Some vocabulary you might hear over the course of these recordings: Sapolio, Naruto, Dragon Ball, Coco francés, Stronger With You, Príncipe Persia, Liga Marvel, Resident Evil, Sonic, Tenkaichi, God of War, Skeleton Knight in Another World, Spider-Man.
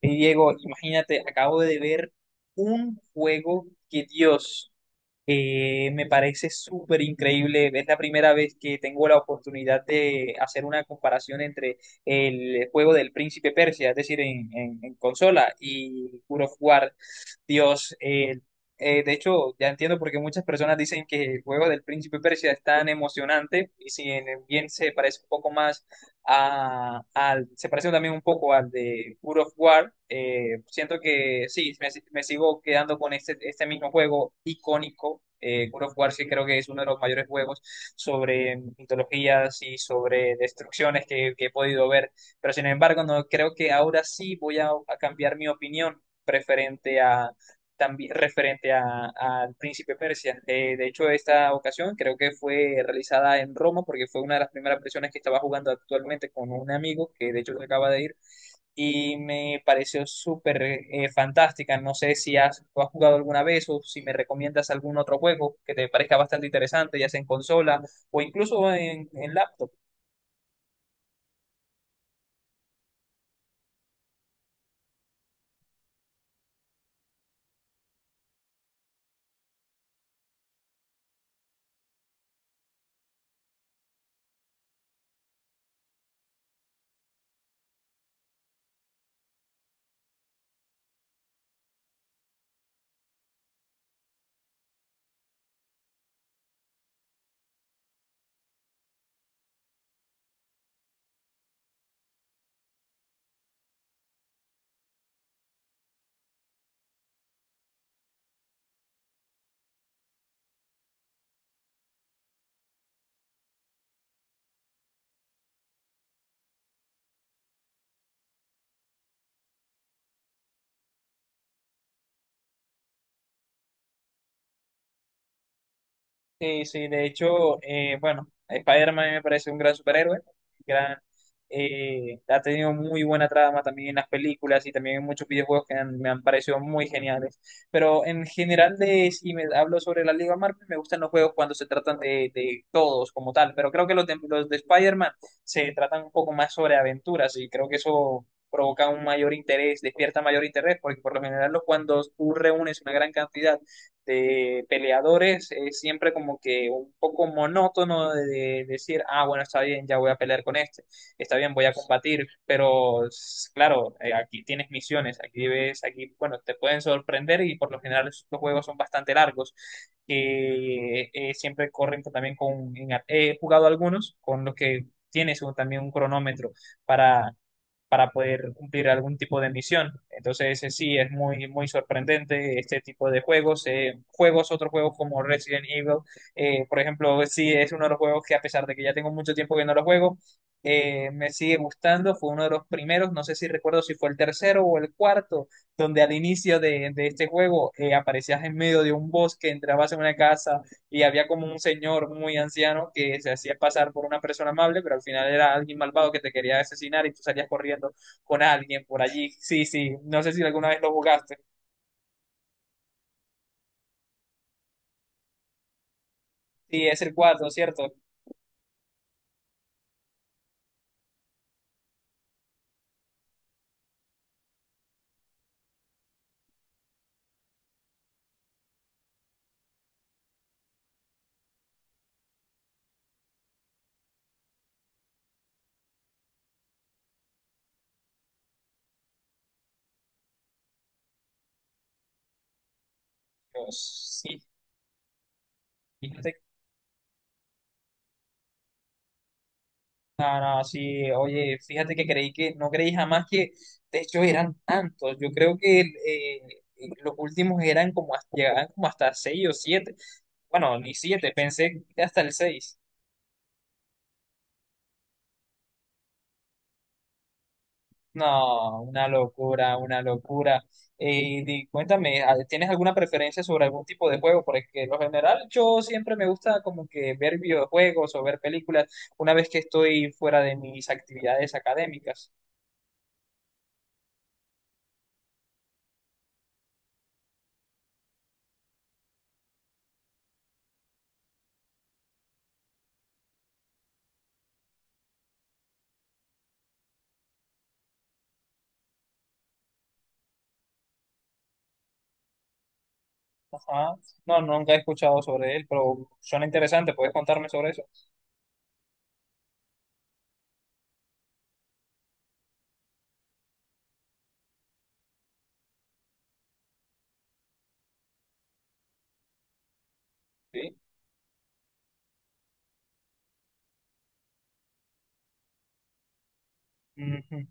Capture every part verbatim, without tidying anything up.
Y Diego, imagínate, acabo de ver un juego que Dios eh, me parece súper increíble. Es la primera vez que tengo la oportunidad de hacer una comparación entre el juego del Príncipe Persia, es decir, en, en- en consola, y God of War. Dios, eh, eh, de hecho, ya entiendo por qué muchas personas dicen que el juego del Príncipe Persia es tan emocionante, y si bien se parece un poco más a- al, se pareció también un poco al de God of War. Eh, siento que sí, me, me sigo quedando con este, este mismo juego icónico. Eh, God of War sí creo que es uno de los mayores juegos sobre mitologías y sobre destrucciones que, que he podido ver, pero sin embargo no creo que ahora sí voy a, a cambiar mi opinión preferente también referente a- al príncipe Persia. Eh, de hecho, esta ocasión creo que fue realizada en Roma porque fue una de las primeras presiones que estaba jugando actualmente con un amigo que de hecho se acaba de ir y me pareció súper eh, fantástica. No sé si has, tú has jugado alguna vez o si me recomiendas algún otro juego que te parezca bastante interesante, ya sea en consola o incluso en, en laptop. Sí, sí, de hecho, eh, bueno, Spider-Man me parece un gran superhéroe, gran, eh, ha tenido muy buena trama también en las películas y también en muchos videojuegos que han- me han parecido muy geniales. Pero en general, de, si me hablo sobre la Liga Marvel, me gustan los juegos cuando se tratan de, de todos como tal, pero creo que los de, los de Spider-Man se tratan un poco más sobre aventuras y creo que eso provoca un mayor interés, despierta mayor interés, porque por lo general los- cuando tú reúnes una gran cantidad de peleadores es siempre como que un poco monótono de, de decir, ah, bueno, está bien, ya voy a pelear con este, está bien, voy a combatir, pero s- claro, eh, aquí tienes misiones, aquí ves, aquí, bueno, te pueden sorprender y por lo general los juegos son bastante largos, que eh, siempre corren con- también con, en- he jugado algunos con los que tienes un- también un cronómetro para para poder cumplir algún tipo de misión. Entonces, eh, sí, es muy, muy sorprendente este tipo de juegos. Eh, juegos, otros juegos como Resident Evil, eh, por ejemplo, sí, es uno de los juegos que a pesar de que ya tengo mucho tiempo que no lo juego, eh, me sigue gustando. Fue uno de los primeros, no sé si recuerdo si fue el tercero o el cuarto, donde al inicio de, de este juego eh, aparecías en medio de un bosque, entrabas en una casa, y había como un señor muy anciano que se hacía pasar por una persona amable, pero al final era alguien malvado que te quería asesinar y tú salías corriendo con alguien por allí. Sí, sí, no sé si alguna vez lo jugaste. Sí, es el cuatro, ¿cierto? Yo, sí, fíjate, no, no, sí, oye, fíjate que creí que, no creí jamás que, de hecho, eran tantos. Yo creo que eh, los últimos eran como hasta, llegaban como hasta seis o siete. Bueno, ni siete, pensé que hasta el seis. No, una locura, una locura. Y, di- cuéntame, ¿a- ¿tienes alguna preferencia sobre algún tipo de juego? Porque lo general yo siempre me gusta como que ver videojuegos o ver películas una vez que estoy fuera de mis actividades académicas. Ajá. No, nunca he escuchado sobre él, pero suena interesante. ¿Puedes contarme sobre eso? Sí. Ujú.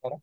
Claro.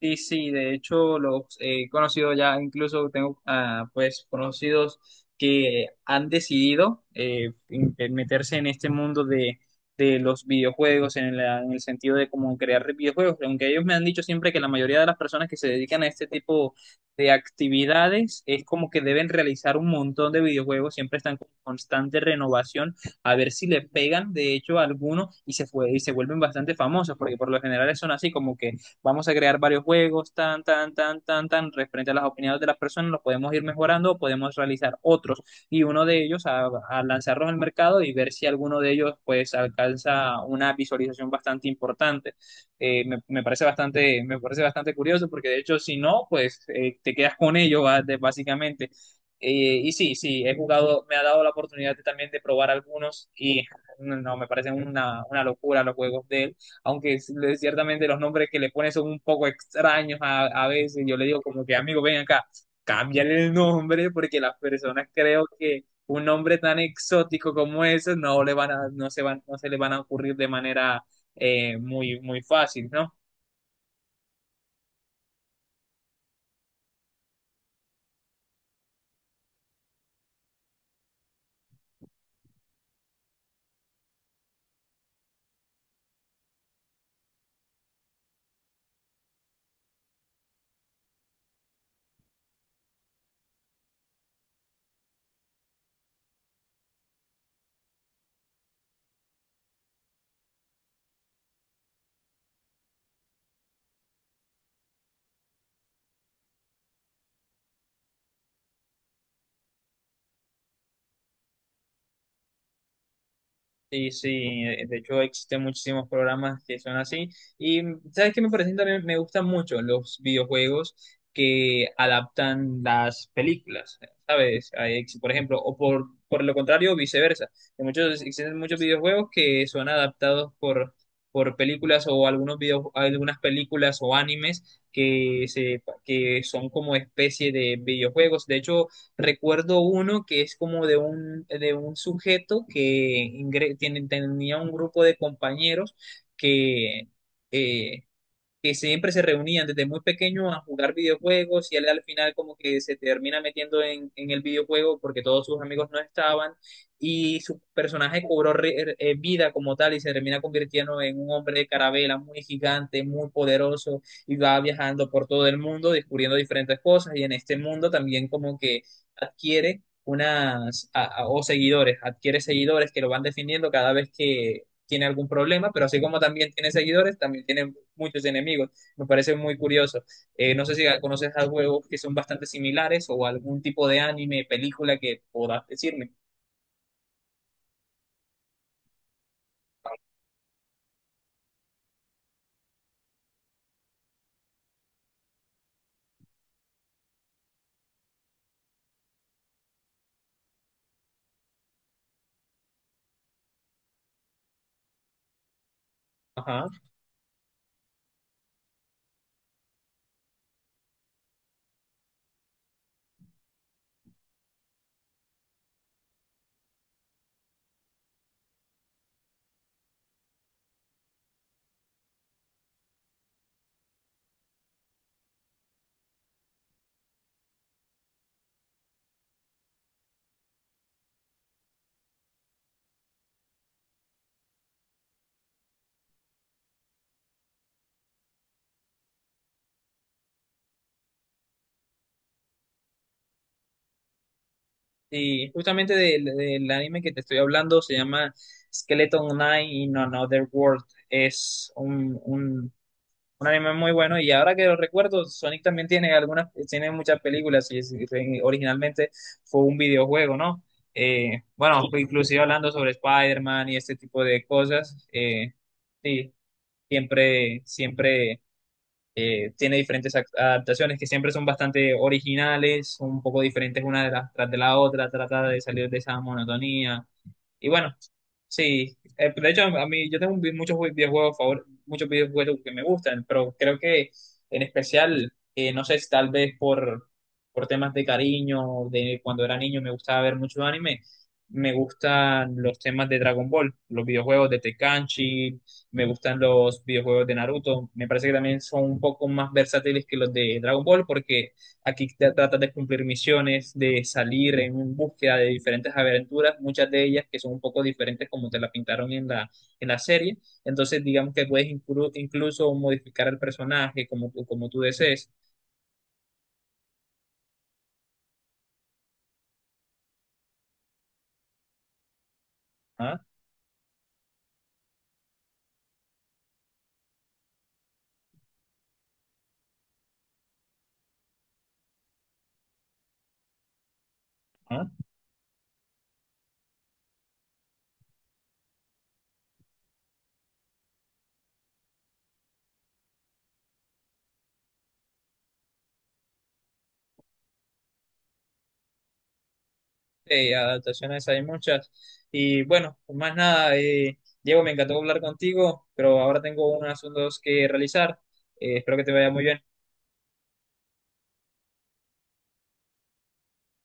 Sí, sí, de hecho los he conocido ya, incluso tengo ah, pues conocidos que han decidido eh, in- en meterse en este mundo de, de los videojuegos, en, la- en el sentido de cómo crear videojuegos, aunque ellos me han dicho siempre que la mayoría de las personas que se dedican a este tipo de actividades es como que deben realizar un montón de videojuegos, siempre están con constante renovación, a ver si le pegan de hecho a alguno y se, fue, y se vuelven bastante famosos, porque por lo general son así como que vamos a crear varios juegos, tan, tan, tan, tan, tan, referente a las opiniones de las personas, los podemos ir mejorando, podemos realizar otros y uno de ellos a, a lanzarlos al mercado y ver si alguno de ellos pues alcanza una visualización bastante importante. Eh, me, me parece bastante, me parece bastante curioso porque de hecho si no, pues eh, te quedas con ello va- de- básicamente. Eh, y sí, sí, he jugado, me ha dado la oportunidad de- también de probar algunos y no, me parecen una, una locura los juegos de él, aunque es- le- ciertamente los nombres que le pone son un poco extraños a, a veces. Yo le digo como que, amigo, ven acá, cámbiale el nombre porque las personas creo que un nombre tan exótico como ese no le van a, no se van, no se le van a ocurrir de manera eh, muy, muy fácil, ¿no? Sí, sí, eh, de hecho existen muchísimos programas que son así. Y ¿sabes qué me parece también? Me gustan mucho los videojuegos que adaptan las películas, ¿sabes? Hay ex- Por ejemplo, o por, por lo contrario, viceversa. Hay muchos, existen muchos videojuegos que son adaptados por, por películas o algunos video, algunas películas o animes que, se, que son como especie de videojuegos. De hecho, recuerdo uno que es como de un, de un sujeto que ingre- tiene- tenía un grupo de compañeros que... eh, que siempre se reunían desde muy pequeño a jugar videojuegos y él al final como que se termina metiendo en, en el videojuego porque todos sus amigos no estaban y su personaje cobró re- eh, vida como tal y se termina convirtiendo en un hombre de carabela muy gigante, muy poderoso y va viajando por todo el mundo descubriendo diferentes cosas y en este mundo también como que adquiere unas a- a- o seguidores, adquiere seguidores que lo van defendiendo cada vez que tiene algún problema, pero así como también tiene seguidores, también tiene muchos enemigos. Me parece muy curioso. Eh, no sé si conoces a juegos que son bastante similares o algún tipo de anime, película que podás decirme. Ajá. Y justamente del, del anime que te estoy hablando se llama Skeleton Knight in Another World. Es un, un, un anime muy bueno y ahora que lo recuerdo, Sonic también tiene algunas, tiene muchas películas y es- originalmente fue un videojuego, ¿no? Eh, bueno, inclusive hablando sobre Spider-Man y este tipo de cosas, eh, sí, siempre, siempre eh, tiene diferentes ac- adaptaciones que siempre son bastante originales, un poco diferentes una de las tras de la otra, trata de salir de esa monotonía. Y bueno, sí, eh, de hecho, a mí yo tengo un vi- muchos vi- videojuegos, favor, muchos videojuegos que me gustan, pero creo que en especial, eh, no sé, si tal vez por, por temas de cariño, de cuando era niño me gustaba ver muchos anime, me gustan los temas de Dragon Ball, los videojuegos de Tenkaichi, me gustan los videojuegos de Naruto, me parece que también son un poco más versátiles que los de Dragon Ball porque aquí te tratas de cumplir misiones, de salir en búsqueda de diferentes aventuras, muchas de ellas que son un poco diferentes como te la pintaron en la, en la serie. Entonces, digamos que puedes inclu- incluso modificar el personaje como tú, como tú desees. Ah, ah. Eh, adaptaciones hay muchas. Y bueno, pues más nada, eh, Diego, me encantó hablar contigo, pero ahora tengo unos asuntos que realizar. Eh, espero que te vaya muy bien.